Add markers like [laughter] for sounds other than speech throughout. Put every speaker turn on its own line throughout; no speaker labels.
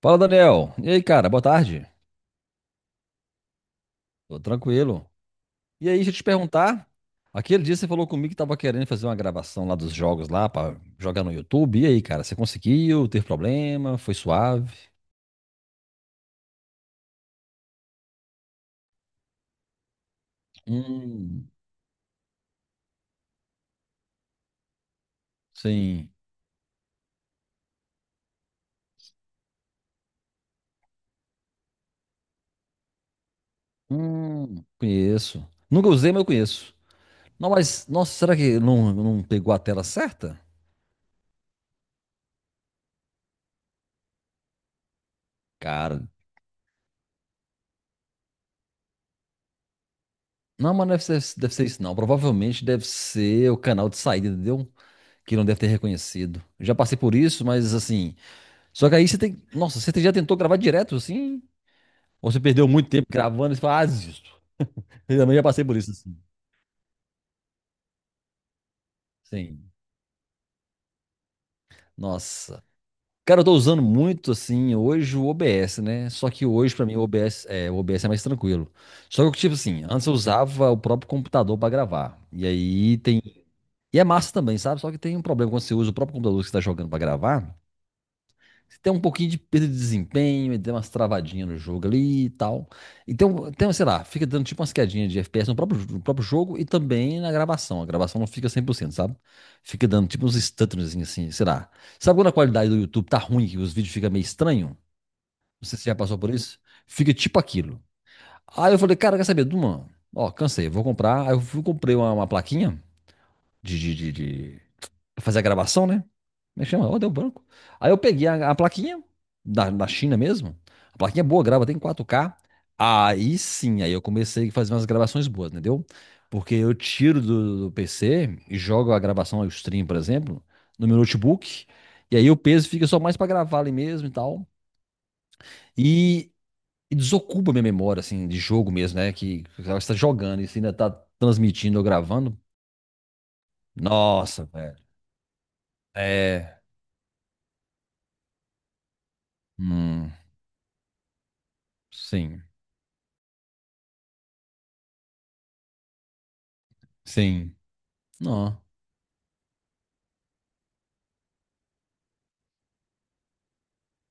Fala, Daniel. E aí, cara? Boa tarde. Tô tranquilo. E aí, deixa eu te perguntar. Aquele dia você falou comigo que tava querendo fazer uma gravação lá dos jogos lá pra jogar no YouTube. E aí, cara? Você conseguiu? Teve problema? Foi suave? Hum, sim. Conheço. Nunca usei, mas eu conheço. Não, mas, nossa, será que não pegou a tela certa? Cara, não, mas não deve ser, deve ser isso, não. Provavelmente deve ser o canal de saída, entendeu? Que não deve ter reconhecido. Já passei por isso, mas assim. Só que aí você tem. Nossa, você já tentou gravar direto assim? Ou você perdeu muito tempo gravando e você fala, ah, desisto. Eu também já passei por isso assim. Sim. Nossa. Cara, eu tô usando muito assim hoje o OBS, né? Só que hoje pra mim o OBS é mais tranquilo. Só que tipo assim, antes eu usava o próprio computador pra gravar. E aí tem, e é massa também, sabe? Só que tem um problema quando você usa o próprio computador que você tá jogando pra gravar. Você tem um pouquinho de perda de desempenho, e tem umas travadinhas no jogo ali e tal. Então, tem, sei lá, fica dando tipo umas quedinhas de FPS no próprio jogo e também na gravação. A gravação não fica cem por cento, sabe? Fica dando tipo uns stutters assim, sei lá. Sabe quando a qualidade do YouTube tá ruim, que os vídeos ficam meio estranhos? Não sei se você já passou por isso. Fica tipo aquilo. Aí eu falei, cara, quer saber, Duma? Ó, cansei, vou comprar. Aí eu fui, comprei uma plaquinha de fazer a gravação, né? Me chama, ó, deu branco. Aí eu peguei a plaquinha da China mesmo. A plaquinha é boa, grava tem 4K. Aí sim, aí eu comecei a fazer umas gravações boas, entendeu? Porque eu tiro do PC e jogo a gravação, o stream, por exemplo, no meu notebook. E aí o peso fica só mais pra gravar ali mesmo e tal. E, e desocupa minha memória, assim, de jogo mesmo, né? Que você tá jogando e você ainda tá transmitindo ou gravando. Nossa, velho. É. Hum, sim. Sim. Não.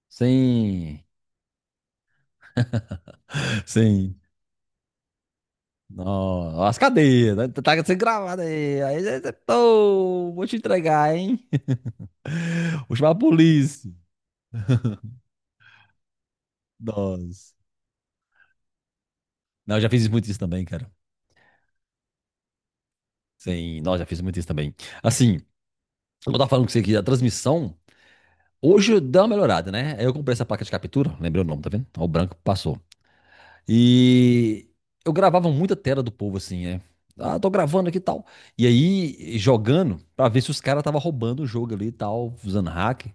Sim. Sim. Não. As cadeias, né? Tá sendo gravado aí. Aí você. Pô, vou te entregar, hein? [laughs] Vou chamar a polícia. Nossa. Não, eu já fiz muito isso também, cara. Sim, nós já fiz muito isso também. Assim, eu tava falando com você aqui da transmissão. Hoje deu uma melhorada, né? Aí eu comprei essa placa de captura. Lembrei o nome, tá vendo? Ó, o branco passou. E eu gravava muita tela do povo assim, é. Ah, tô gravando aqui e tal. E aí, jogando, pra ver se os caras tava roubando o jogo ali e tal, usando hack.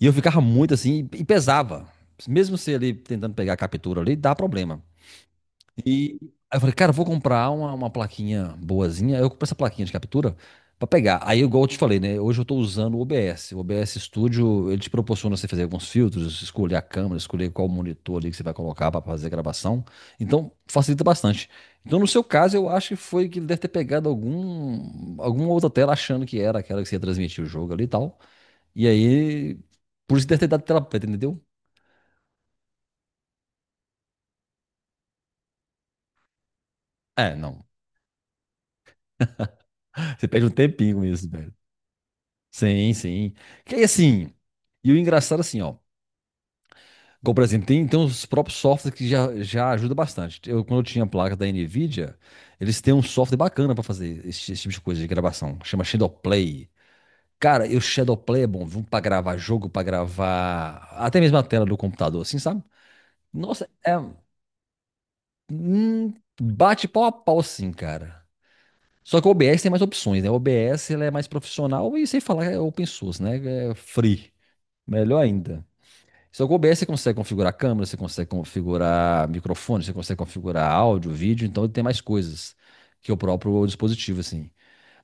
E eu ficava muito assim, e pesava. Mesmo você ali tentando pegar a captura ali, dá problema. E aí eu falei, cara, eu vou comprar uma plaquinha boazinha. Aí eu comprei essa plaquinha de captura pra pegar. Aí, igual eu te falei, né? Hoje eu tô usando o OBS. O OBS Studio, ele te proporciona você fazer alguns filtros, escolher a câmera, escolher qual monitor ali que você vai colocar pra fazer a gravação. Então, facilita bastante. Então, no seu caso, eu acho que foi que ele deve ter pegado alguma outra tela achando que era aquela que você ia transmitir o jogo ali e tal. E aí, por isso deve ter dado tela preta, entendeu? É, não. Você perde um tempinho com isso, velho. Sim, sim. Que aí assim, e o engraçado assim, ó. Como, por exemplo, tem uns próprios softwares que já ajuda bastante. Eu, quando eu tinha a placa da NVIDIA, eles têm um software bacana pra fazer esse tipo de coisa de gravação, que chama Shadowplay. Cara, e o Shadowplay é bom, viu? Pra gravar jogo, pra gravar até mesmo a tela do computador, assim, sabe? Nossa, é. hum, bate pau a pau, sim, cara. Só que o OBS tem mais opções, né? O OBS ele é mais profissional e sem falar é open source, né? É free. Melhor ainda. Se que o OBS você consegue configurar câmera, você consegue configurar microfone, você consegue configurar áudio, vídeo, então ele tem mais coisas que o próprio dispositivo, assim.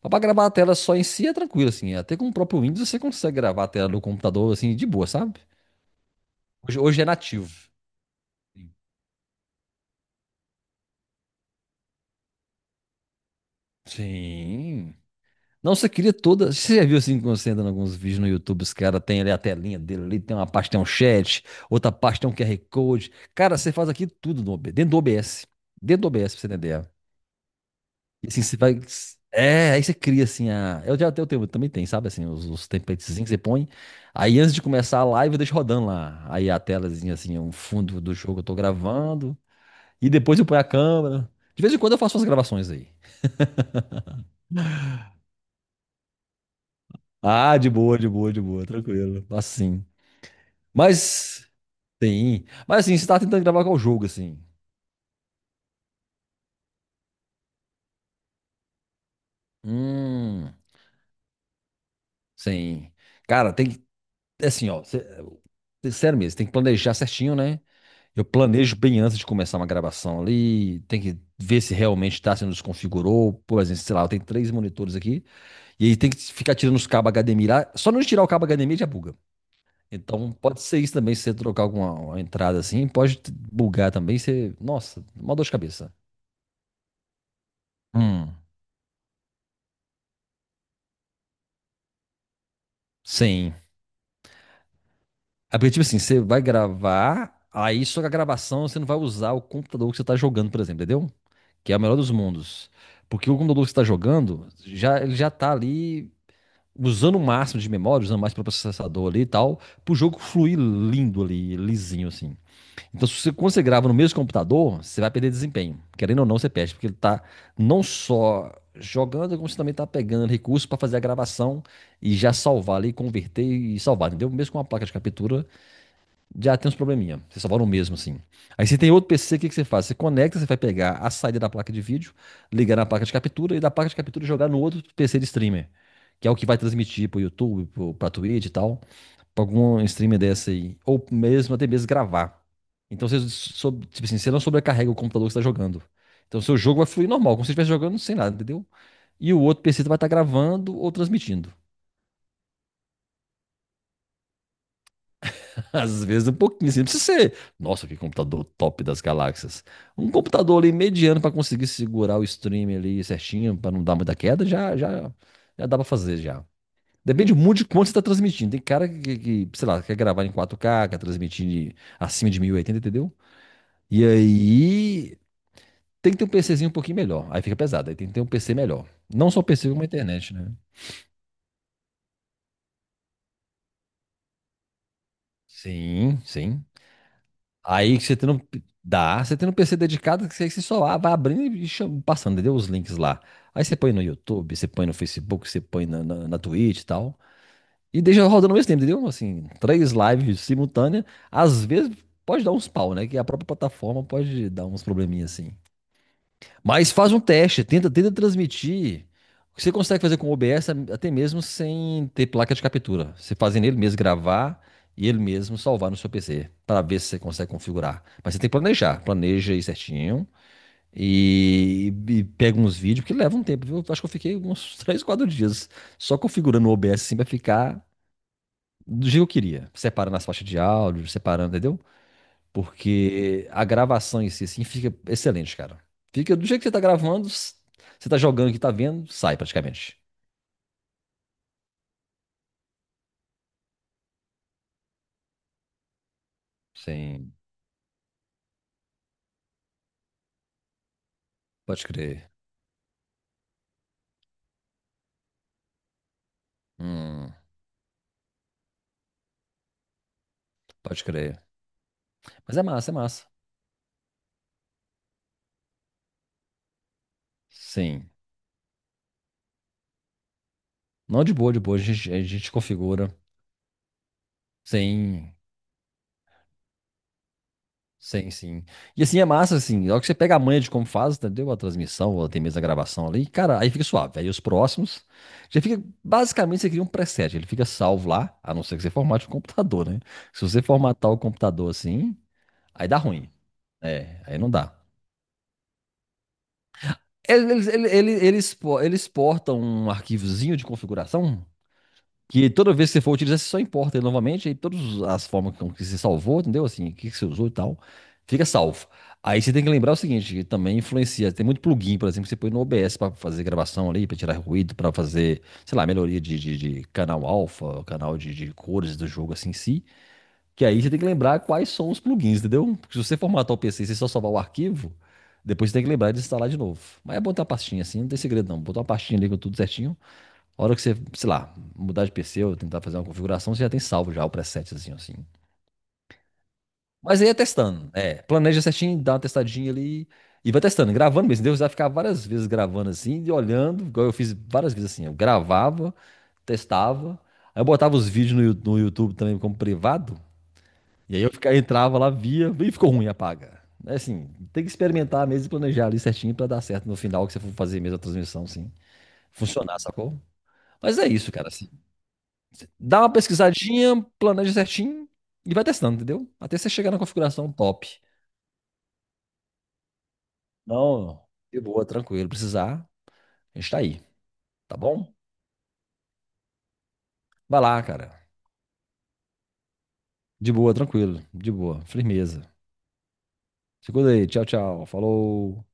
Mas pra gravar a tela só em si é tranquilo, assim. Até com o próprio Windows você consegue gravar a tela do computador, assim, de boa, sabe? Hoje é nativo. Sim. Não, você queria toda. Você já viu assim, quando você entra em alguns vídeos no YouTube, os caras têm ali a telinha dele, ali tem uma parte, tem um chat, outra parte tem um QR Code. Cara, você faz aqui tudo no OBS, dentro do OBS. Dentro do OBS, pra você entender. E assim, você vai. É, aí você cria assim a. Eu já tenho, eu também tem, sabe? Assim, os templatezinhos que você põe. Aí antes de começar a live, eu deixo rodando lá. Aí a telazinha, assim, o fundo do jogo eu tô gravando. E depois eu ponho a câmera. De vez em quando eu faço umas gravações aí. Ah, de boa, de boa, de boa, tranquilo. Assim. Mas. Sim. Mas assim, você tá tentando gravar qual jogo, assim? Hum. Sim. Cara, tem que. É assim, ó. Sério mesmo, tem que planejar certinho, né? Eu planejo bem antes de começar uma gravação ali, tem que ver se realmente está sendo desconfigurou. Por exemplo, sei lá, eu tenho três monitores aqui, e aí tem que ficar tirando os cabos HDMI lá. Só não tirar o cabo HDMI já buga. Então pode ser isso também, se você trocar alguma uma entrada assim, pode bugar também. Você, nossa, uma dor de cabeça. Hum, sim. É porque, tipo assim, você vai gravar, aí só que a gravação você não vai usar o computador que você está jogando, por exemplo, entendeu? Que é o melhor dos mundos. Porque o computador que você está jogando, já, ele já tá ali usando o máximo de memória, usando mais para o processador ali e tal, para o jogo fluir lindo ali, lisinho assim. Então, se você, quando você grava no mesmo computador, você vai perder desempenho. Querendo ou não, você perde, porque ele tá não só jogando, como você também tá pegando recursos para fazer a gravação e já salvar ali, converter e salvar, entendeu? Mesmo com uma placa de captura, já tem uns probleminha. Você só vai no mesmo, assim. Aí você tem outro PC, o que que você faz? Você conecta, você vai pegar a saída da placa de vídeo, ligar na placa de captura e da placa de captura jogar no outro PC de streamer. Que é o que vai transmitir pro YouTube, pro, pra Twitch e tal, pra algum streamer dessa aí. Ou mesmo, até mesmo gravar. Então você, tipo assim, você não sobrecarrega o computador que você tá jogando. Então seu jogo vai fluir normal, como se você estivesse jogando sem nada, entendeu? E o outro PC vai estar gravando ou transmitindo. Às vezes um pouquinho, assim, não precisa ser. Nossa, que computador top das galáxias. Um computador ali mediano para conseguir segurar o stream ali certinho, para não dar muita queda, já dá para fazer já. Depende muito de quanto você está transmitindo. Tem cara que sei lá, quer gravar em 4K, quer transmitir acima de 1080, entendeu? E aí tem que ter um PCzinho um pouquinho melhor. Aí fica pesado, aí tem que ter um PC melhor. Não só o PC, como a internet, né? Sim, sim. Aí que você tem um, dá, você tem um PC dedicado que você só vai abrindo e passando, entendeu? Os links lá. Aí você põe no YouTube, você põe no Facebook, você põe na Twitch e tal. E deixa rodando ao mesmo tempo, entendeu? Assim, três lives simultâneas. Às vezes pode dar uns pau, né? Que a própria plataforma pode dar uns probleminhas assim. Mas faz um teste, tenta, tenta transmitir. O que você consegue fazer com o OBS até mesmo sem ter placa de captura. Você fazendo ele mesmo gravar e ele mesmo salvar no seu PC, para ver se você consegue configurar. Mas você tem que planejar, planeja aí certinho e pega uns vídeos, porque leva um tempo, viu? Acho que eu fiquei uns [laughs] 3, 4 dias só configurando o OBS assim pra ficar do jeito que eu queria. Separando as faixas de áudio, separando, entendeu? Porque a gravação em si, assim, fica excelente, cara. Fica do jeito que você tá gravando, você tá jogando que tá vendo, sai praticamente. Sim, pode crer. Hum, pode crer. Mas é massa, é massa. Sim. Não, de boa, de boa. A gente configura. Sim. Sim, sim. E assim, é massa, assim, logo que você pega a manha de como faz, entendeu? A transmissão, ou até mesmo a gravação ali, cara, aí fica suave. Aí os próximos, já fica, basicamente, você cria um preset, ele fica salvo lá, a não ser que você formate o computador, né? Se você formatar o computador assim, aí dá ruim. É, aí não dá. Eles eles exportam um arquivozinho de configuração. Que toda vez que você for utilizar, você só importa ele novamente, aí todas as formas com que você salvou, entendeu? Assim, o que que você usou e tal, fica salvo. Aí você tem que lembrar o seguinte, que também influencia. Tem muito plugin, por exemplo, que você põe no OBS para fazer gravação ali, para tirar ruído, para fazer, sei lá, melhoria de canal alfa, canal de cores do jogo assim em si. Que aí você tem que lembrar quais são os plugins, entendeu? Porque se você formatar o PC e você só salvar o arquivo, depois você tem que lembrar de instalar de novo. Mas é botar a pastinha assim, não tem segredo não. Botar uma pastinha ali com tudo certinho. A hora que você, sei lá, mudar de PC ou tentar fazer uma configuração, você já tem salvo já o presetzinho assim. Mas aí é testando, é. Planeja certinho, dá uma testadinha ali e vai testando, gravando mesmo. Deus vai ficar várias vezes gravando assim e olhando, igual eu fiz várias vezes assim. Eu gravava, testava, aí eu botava os vídeos no, no YouTube também como privado, e aí eu ficava, entrava lá, via, e ficou ruim, apaga. É assim, tem que experimentar mesmo e planejar ali certinho pra dar certo no final que você for fazer mesmo a transmissão, assim, funcionar, sacou? Mas é isso, cara. Assim. Dá uma pesquisadinha, planeja certinho e vai testando, entendeu? Até você chegar na configuração top. Não, de boa, tranquilo. Precisar, a gente tá aí, tá bom? Vai lá, cara. De boa, tranquilo. De boa, firmeza. Se cuida aí. Tchau, tchau. Falou.